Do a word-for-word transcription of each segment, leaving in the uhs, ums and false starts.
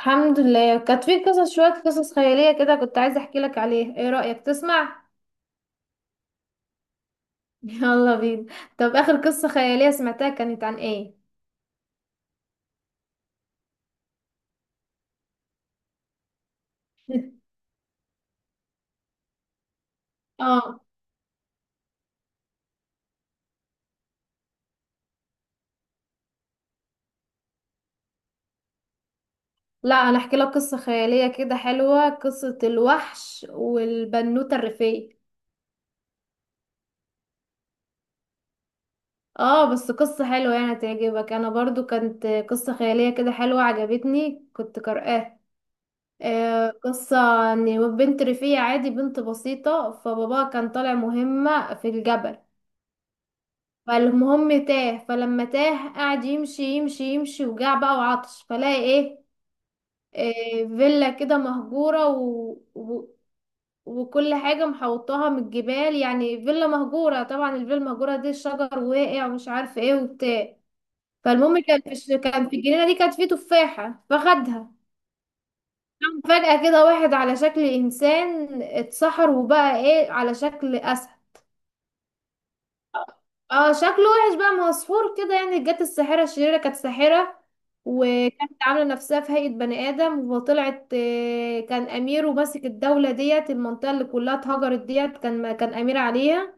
الحمد لله. كانت في قصص، شوية قصص خيالية كده، كنت عايزة احكي لك عليها. ايه رأيك تسمع؟ يلا بينا. طب آخر قصة خيالية سمعتها كانت عن ايه؟ اه، لا انا احكي لك قصة خيالية كده حلوة، قصة الوحش والبنوتة الريفية. اه بس قصة حلوة يعني تعجبك، انا برضو كانت قصة خيالية كده حلوة عجبتني، كنت قارئاها. آه، قصة ان بنت ريفية عادي، بنت بسيطة، فباباها كان طالع مهمة في الجبل. فالمهم تاه، فلما تاه قعد يمشي يمشي يمشي وجاع بقى وعطش، فلاقي ايه, إيه فيلا كده مهجورة و... و... وكل حاجة محوطاها من الجبال، يعني فيلا مهجورة. طبعا الفيلا المهجورة دي الشجر واقع ومش عارف ايه وبتاع. فالمهم كان في الش- كان في الجنينة دي كانت فيه تفاحة فخدها. قام فجأة كده واحد على شكل إنسان اتسحر وبقى ايه، على شكل أسد. اه شكله وحش بقى، ما هو سحور كده، يعني جت الساحرة الشريرة، كانت ساحرة وكانت عاملة نفسها في هيئة بني آدم وطلعت. آه، كان أمير وماسك الدولة ديت، المنطقة اللي كلها اتهجرت ديت كان كان أمير عليها.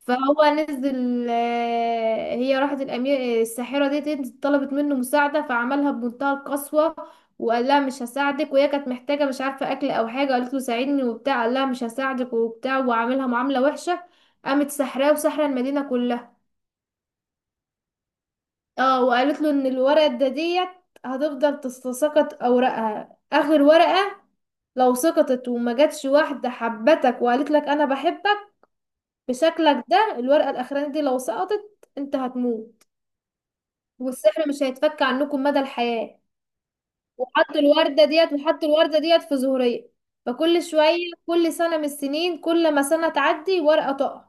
فهو نزل، آه، هي راحت الأمير، آه، الساحرة ديت طلبت منه مساعدة، فعملها بمنتهى القسوة وقال لها مش هساعدك. وهي كانت محتاجة، مش عارفة أكل أو حاجة، قالت له ساعدني وبتاع، قال لها مش هساعدك وبتاع، وعاملها معاملة وحشة. قامت سحراه وسحرة المدينة كلها. اه وقالت له ان الورقة ده ديت هتفضل تتساقط اوراقها، اخر ورقة لو سقطت وما جاتش واحدة حبتك وقالت لك انا بحبك بشكلك ده، الورقة الاخرانية دي لو سقطت انت هتموت والسحر مش هيتفك عنكم مدى الحياة. وحط الوردة ديت وحط الوردة ديت في زهرية. فكل شوية، كل سنة من السنين، كل ما سنة تعدي ورقة تقع.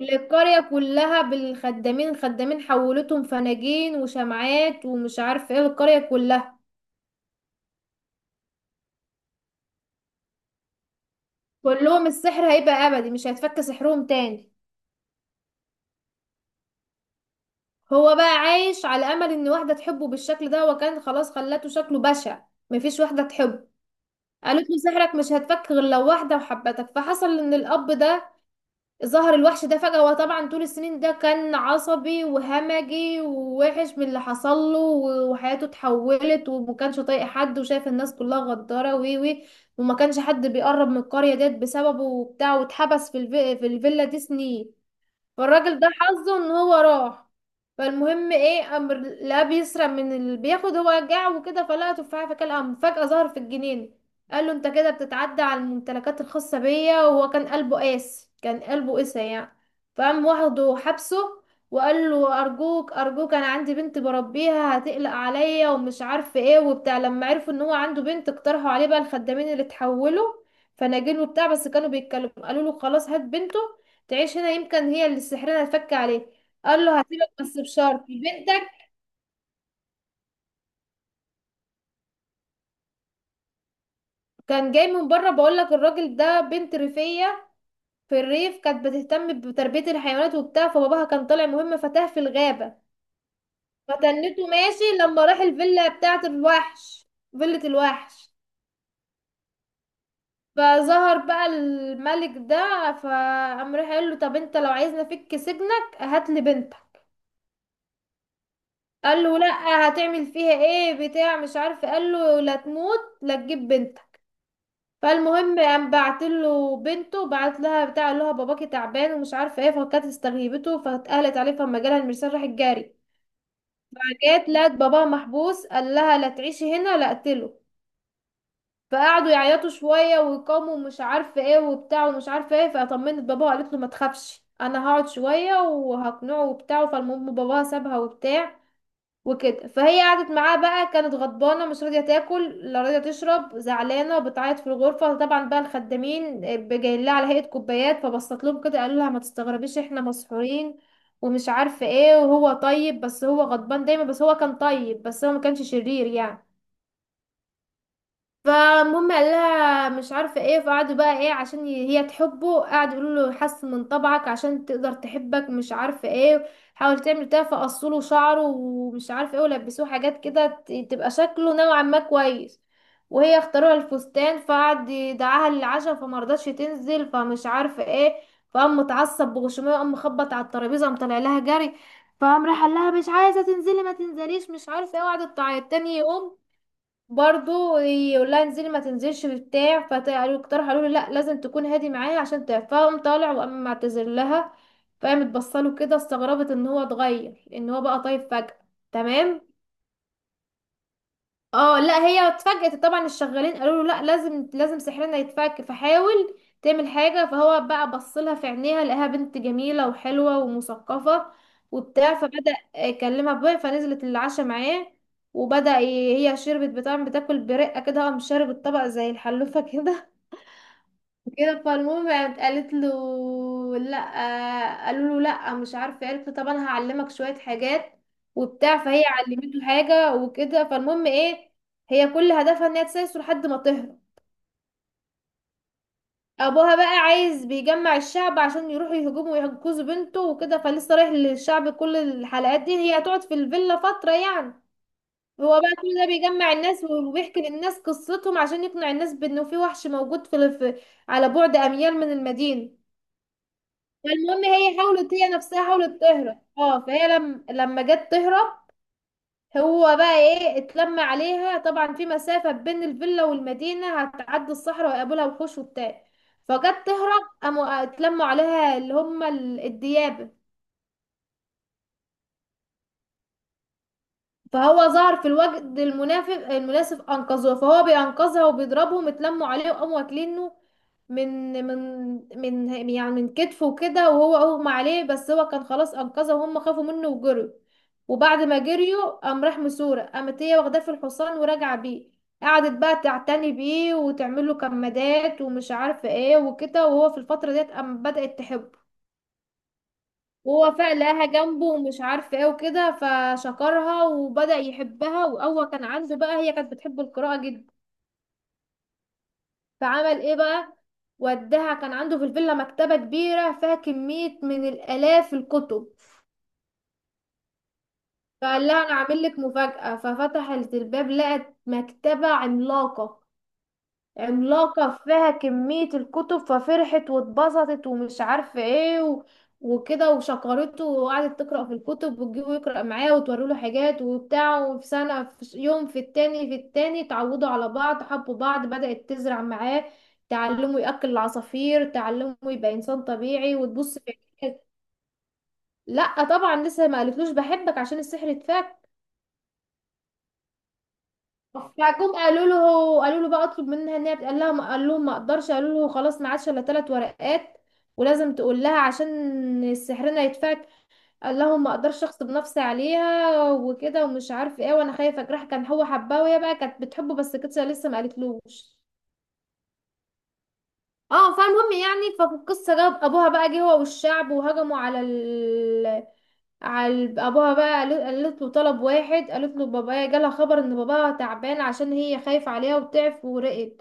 القرية كلها بالخدامين، خدامين حولتهم فناجين وشمعات ومش عارف ايه، القرية كلها. قول لهم السحر هيبقى أبدي، مش هيتفك سحرهم تاني. هو بقى عايش على أمل إن واحدة تحبه بالشكل ده، وكان خلاص خلته شكله بشع، مفيش واحدة تحبه. قالت له سحرك مش هيتفك غير لو واحدة وحبتك. فحصل إن الأب ده ظهر الوحش ده فجأة، وطبعا طول السنين ده كان عصبي وهمجي ووحش من اللي حصل له و- وحياته اتحولت، وما كانش طايق حد، وشايف الناس كلها غدارة وي وي وما كانش حد بيقرب من القرية ديت بسببه وبتاع، واتحبس في الفي... في الفيلا دي سنين. فالراجل ده حظه ان هو راح. فالمهم ايه، امر لا بيسرق من اللي بياخد، هو رجع وكده، فلقى تفاحه فكلها، قام فجاه ظهر في الجنينه. قال له انت كده بتتعدى على الممتلكات الخاصه بيا. وهو كان قلبه قاسي، كان قلبه قسى يعني. فقام واخده حبسه. وقال له ارجوك ارجوك انا عندي بنت بربيها، هتقلق عليا ومش عارف ايه وبتاع. لما عرفوا ان هو عنده بنت، اقترحوا عليه بقى الخدامين اللي اتحولوا فناجين وبتاع، بس كانوا بيتكلموا، قالوا له خلاص هات بنته تعيش هنا، يمكن هي اللي سحرنا الفك عليه. قال له هسيبك بس بشرط بنتك. كان جاي من بره، بقول لك الراجل ده، بنت ريفية في الريف كانت بتهتم بتربية الحيوانات وبتاع، فباباها كان طالع مهم فتاه في الغابة. فتنته ماشي لما راح الفيلا بتاعة الوحش، فيلة الوحش. فظهر بقى الملك ده، فقام راح قال له طب انت لو عايزنا فك سجنك هات لي بنتك. قال له لا، هتعمل فيها ايه بتاع مش عارف، قال له لا تموت لا تجيب بنتك. فالمهم قام بعت له بنته، بعت لها بتاع اللي هو باباكي تعبان ومش عارفه ايه، فكانت استغيبته فاتقلت عليه، فما جالها المرسال راحت جاري. جت لقت باباها محبوس، قال لها لا تعيشي هنا لا اقتله. فقعدوا يعيطوا شويه ويقاموا ومش عارفه ايه وبتاع ومش عارفه ايه. فطمنت باباها وقالت له ما تخافش، انا هقعد شويه وهقنعه وبتاع. فالمهم باباها سابها وبتاع وكده. فهي قعدت معاه بقى، كانت غضبانه مش راضيه تاكل لا راضيه تشرب، زعلانه بتعيط في الغرفه. طبعا بقى الخدامين آه، جايين لها على هيئه كوبايات، فبصت لهم كده، قالوا لها ما تستغربيش احنا مسحورين ومش عارفه ايه، وهو طيب بس هو غضبان دايما، بس هو كان طيب، بس هو ما كانش شرير يعني. فالمهم قال لها مش عارفه ايه. فقعدوا بقى ايه عشان ي- هي تحبه، قعدوا يقولوا له حسن من طبعك عشان تقدر تحبك، مش عارفه ايه، حاول تعمل كده. فقصوا له شعره ومش عارفه ايه، ولبسوه حاجات كده ت- تبقى شكله نوعا ما كويس، وهي اختاروها الفستان. فقعد يدعاها للعشاء فمرضتش تنزل، فمش عارفه ايه. فقام متعصب بغشوميه، وقام مخبط على الترابيزه، قام طالع لها جري. فقام راح قال لها مش عايزه تنزلي ما تنزليش مش عارفه ايه. وقعدت تعيط. تاني يوم برضو يقول لها انزلي ما تنزلش في بتاع. فاقترحوا قالوا له لا، لازم تكون هادي معايا عشان تعرف. فقام طالع وقام معتذر لها. فقامت بصله كده، استغربت ان هو اتغير، ان هو بقى طيب فجأة. تمام. اه لا هي اتفاجئت طبعا. الشغالين قالوا له لا لازم لازم سحرنا يتفك، فحاول تعمل حاجة. فهو بقى بصلها في عينيها لقاها بنت جميلة وحلوة ومثقفة وبتاع، فبدأ يكلمها بقى. فنزلت العشاء معاه وبدأ ي- هي شربت بتاع، بتاكل برقة كده، قام شارب الطبق زي الحلوفة كده كده. فالمهم قامت قالت له لا، قالوا له لا مش عارفه، قالت له طب انا هعلمك شويه حاجات وبتاع. فهي علمته حاجه وكده. فالمهم ايه، هي كل هدفها ان هي تسيسه لحد ما تهرب. ابوها بقى عايز بيجمع الشعب عشان يروحوا يهجموا ويحجزوا بنته وكده، فلسه رايح للشعب. كل الحلقات دي هي هتقعد في الفيلا فتره يعني. هو بقى كل ده بيجمع الناس وبيحكي للناس قصتهم عشان يقنع الناس بانه في وحش موجود في في- على بعد اميال من المدينه. فالمهم هي حاولت، هي نفسها حاولت تهرب. اه فهي لم... لما جت تهرب هو بقى ايه اتلم عليها. طبعا في مسافة بين الفيلا والمدينة، هتعدي الصحراء ويقابلها وحوش وبتاع. فجت تهرب قاموا اتلموا عليها، اللي هم ال- الديابة. فهو ظهر في الوقت المنافق المناسب، انقذوها. فهو بينقذها وبيضربهم، اتلموا عليه وقاموا واكلينه من من من يعني من كتفه كده، وهو اغمى عليه، بس هو كان خلاص انقذه، وهم خافوا منه وجروا. وبعد ما جريوا قام راح مسورة، قامت هي واخداه في الحصان وراجعة بيه. قعدت بقى تعتني بيه وتعمل له كمادات ومش عارفة ايه وكده. وهو في الفترة ديت قام بدأت تحبه. وهو فعلا لقاها جنبه ومش عارفة ايه وكده، فشكرها وبدأ يحبها. وأول كان عنده بقى، هي كانت بتحب القراءة جدا، فعمل ايه بقى، وداها. كان عنده في الفيلا مكتبة كبيرة فيها كمية من الآلاف الكتب. فقال لها أنا عامل لك مفاجأة، ففتحت الباب لقت مكتبة عملاقة، عملاقة، فيها كمية الكتب. ففرحت واتبسطت ومش عارفة ايه و... وكده، وشكرته، وقعدت تقرأ في الكتب وتجيبه يقرأ معايا وتوري له حاجات وبتاع. وفي سنة في ش- يوم في التاني في التاني اتعودوا على بعض، حبوا بعض، بدأت تزرع معاه، تعلمه يأكل العصافير، تعلمه يبقى إنسان طبيعي، وتبص في عينيه. لا طبعا لسه ما قالتلوش بحبك عشان السحر اتفك. فجم قالوا له، قالوا له بقى اطلب منها ان هي بت- قال لها ما قال لهم ما اقدرش. قالوا له خلاص ما عادش الا ثلاث ورقات ولازم تقول لها عشان سحرنا يتفك. قال لهم ما اقدرش اغصب نفسي عليها وكده ومش عارف ايه، وانا خايفه اجرح. كان هو حباه، وهي بقى كانت بتحبه بس كده، لسه ما قالتلوش. اه فالمهم يعني، ففي القصه جاب ابوها بقى، جه هو والشعب وهجموا على ال على ال- ابوها بقى قال- قالت له طلب واحد، قالت له بابايا جالها خبر ان باباها تعبان، عشان هي خايفه عليها وتعب ورقت.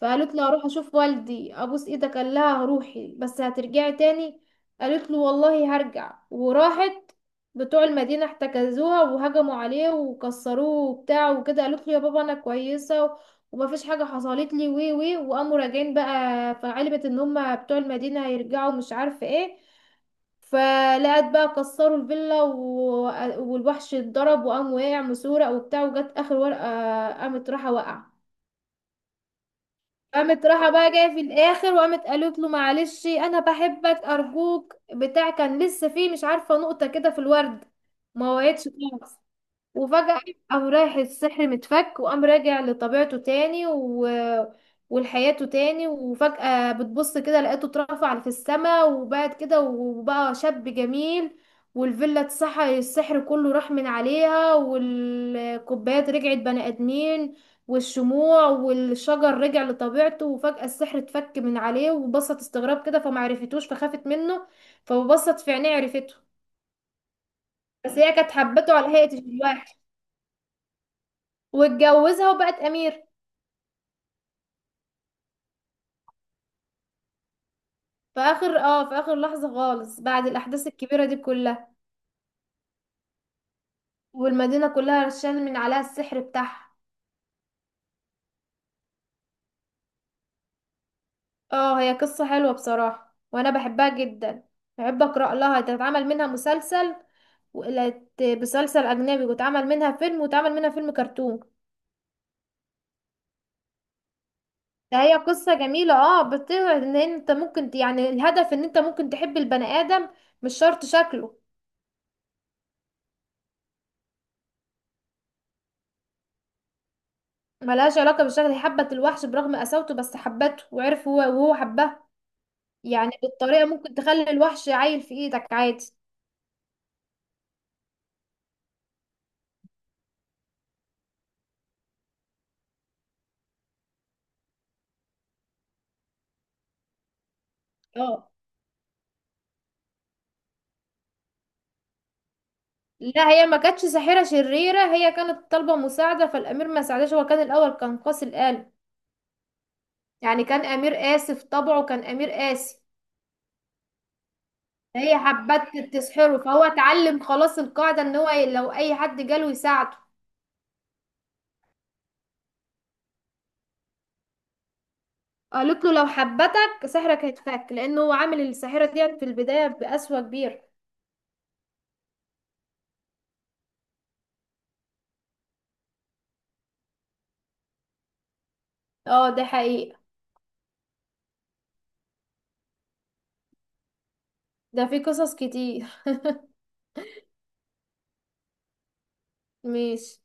فقالت له هروح اشوف والدي، ابوس ايدك، قال لها روحي بس هترجعي تاني. قالت له والله هرجع. وراحت. بتوع المدينة احتكزوها وهجموا عليه وكسروه وبتاع وكده. قالت له يا بابا انا كويسة وما فيش حاجة حصلت لي وي وي. وقاموا راجعين بقى، فعلمت ان هما بتوع المدينة هيرجعوا مش عارفة ايه. فلقت بقى كسروا الفيلا و... والوحش اتضرب، وقام واقع مسورق وبتاع، وجت اخر ورقة. قامت راحة وقع، قامت راحة بقى جاية في الآخر، وقامت قالت له معلش أنا بحبك أرجوك بتاع. كان لسه فيه مش عارفة نقطة كده في الورد، ما وعدتش خالص. وفجأة قام رايح السحر متفك، وقام راجع لطبيعته تاني و... ولحياته تاني. وفجأة بتبص كده لقيته اترفع في السماء، وبعد كده وبقى شاب جميل. والفيلا اتسحر السحر كله راح من عليها، والكوبايات رجعت بني آدمين، والشموع والشجر رجع لطبيعته. وفجأة السحر اتفك من عليه، وبصت استغراب كده فمعرفتوش فخافت منه، فبصت في عينيه عرفته. بس هي كانت حبته على هيئة الوحش. واتجوزها وبقت امير. في اخر، اه في اخر لحظة خالص، بعد الاحداث الكبيرة دي كلها. والمدينة كلها رشان من عليها السحر بتاعها. اه هي قصة حلوة بصراحة وانا بحبها جدا. بحب اقرا لها، تتعمل منها مسلسل، وقلت مسلسل اجنبي، واتعمل منها فيلم، واتعمل منها فيلم كرتون. ده هي قصة جميلة، اه بتقعد ان انت ممكن ت- يعني الهدف ان انت ممكن تحب البني ادم، مش شرط شكله. ملهاش علاقة بالشكل، هي حبت الوحش برغم قساوته بس حبته، وعرف هو، وهو حبها. يعني بالطريقة ممكن تخلي الوحش عايل في ايدك عادي. اه لا هي ما كانتش ساحرة شريرة، هي كانت طالبة مساعدة، فالأمير ما ساعدهاش، هو كان الأول كان قاسي القلب، يعني كان أمير قاسي في طبعه، كان أمير قاسي. فهي حبت تسحره، فهو اتعلم خلاص القاعدة ان هو لو أي حد جاله يساعده. قالت له لو حبتك سحرك هيتفك، لأنه هو عامل الساحرة دي في البداية بقسوة كبيرة. اه ده حقيقة. ده في قصص كتير. ماشي.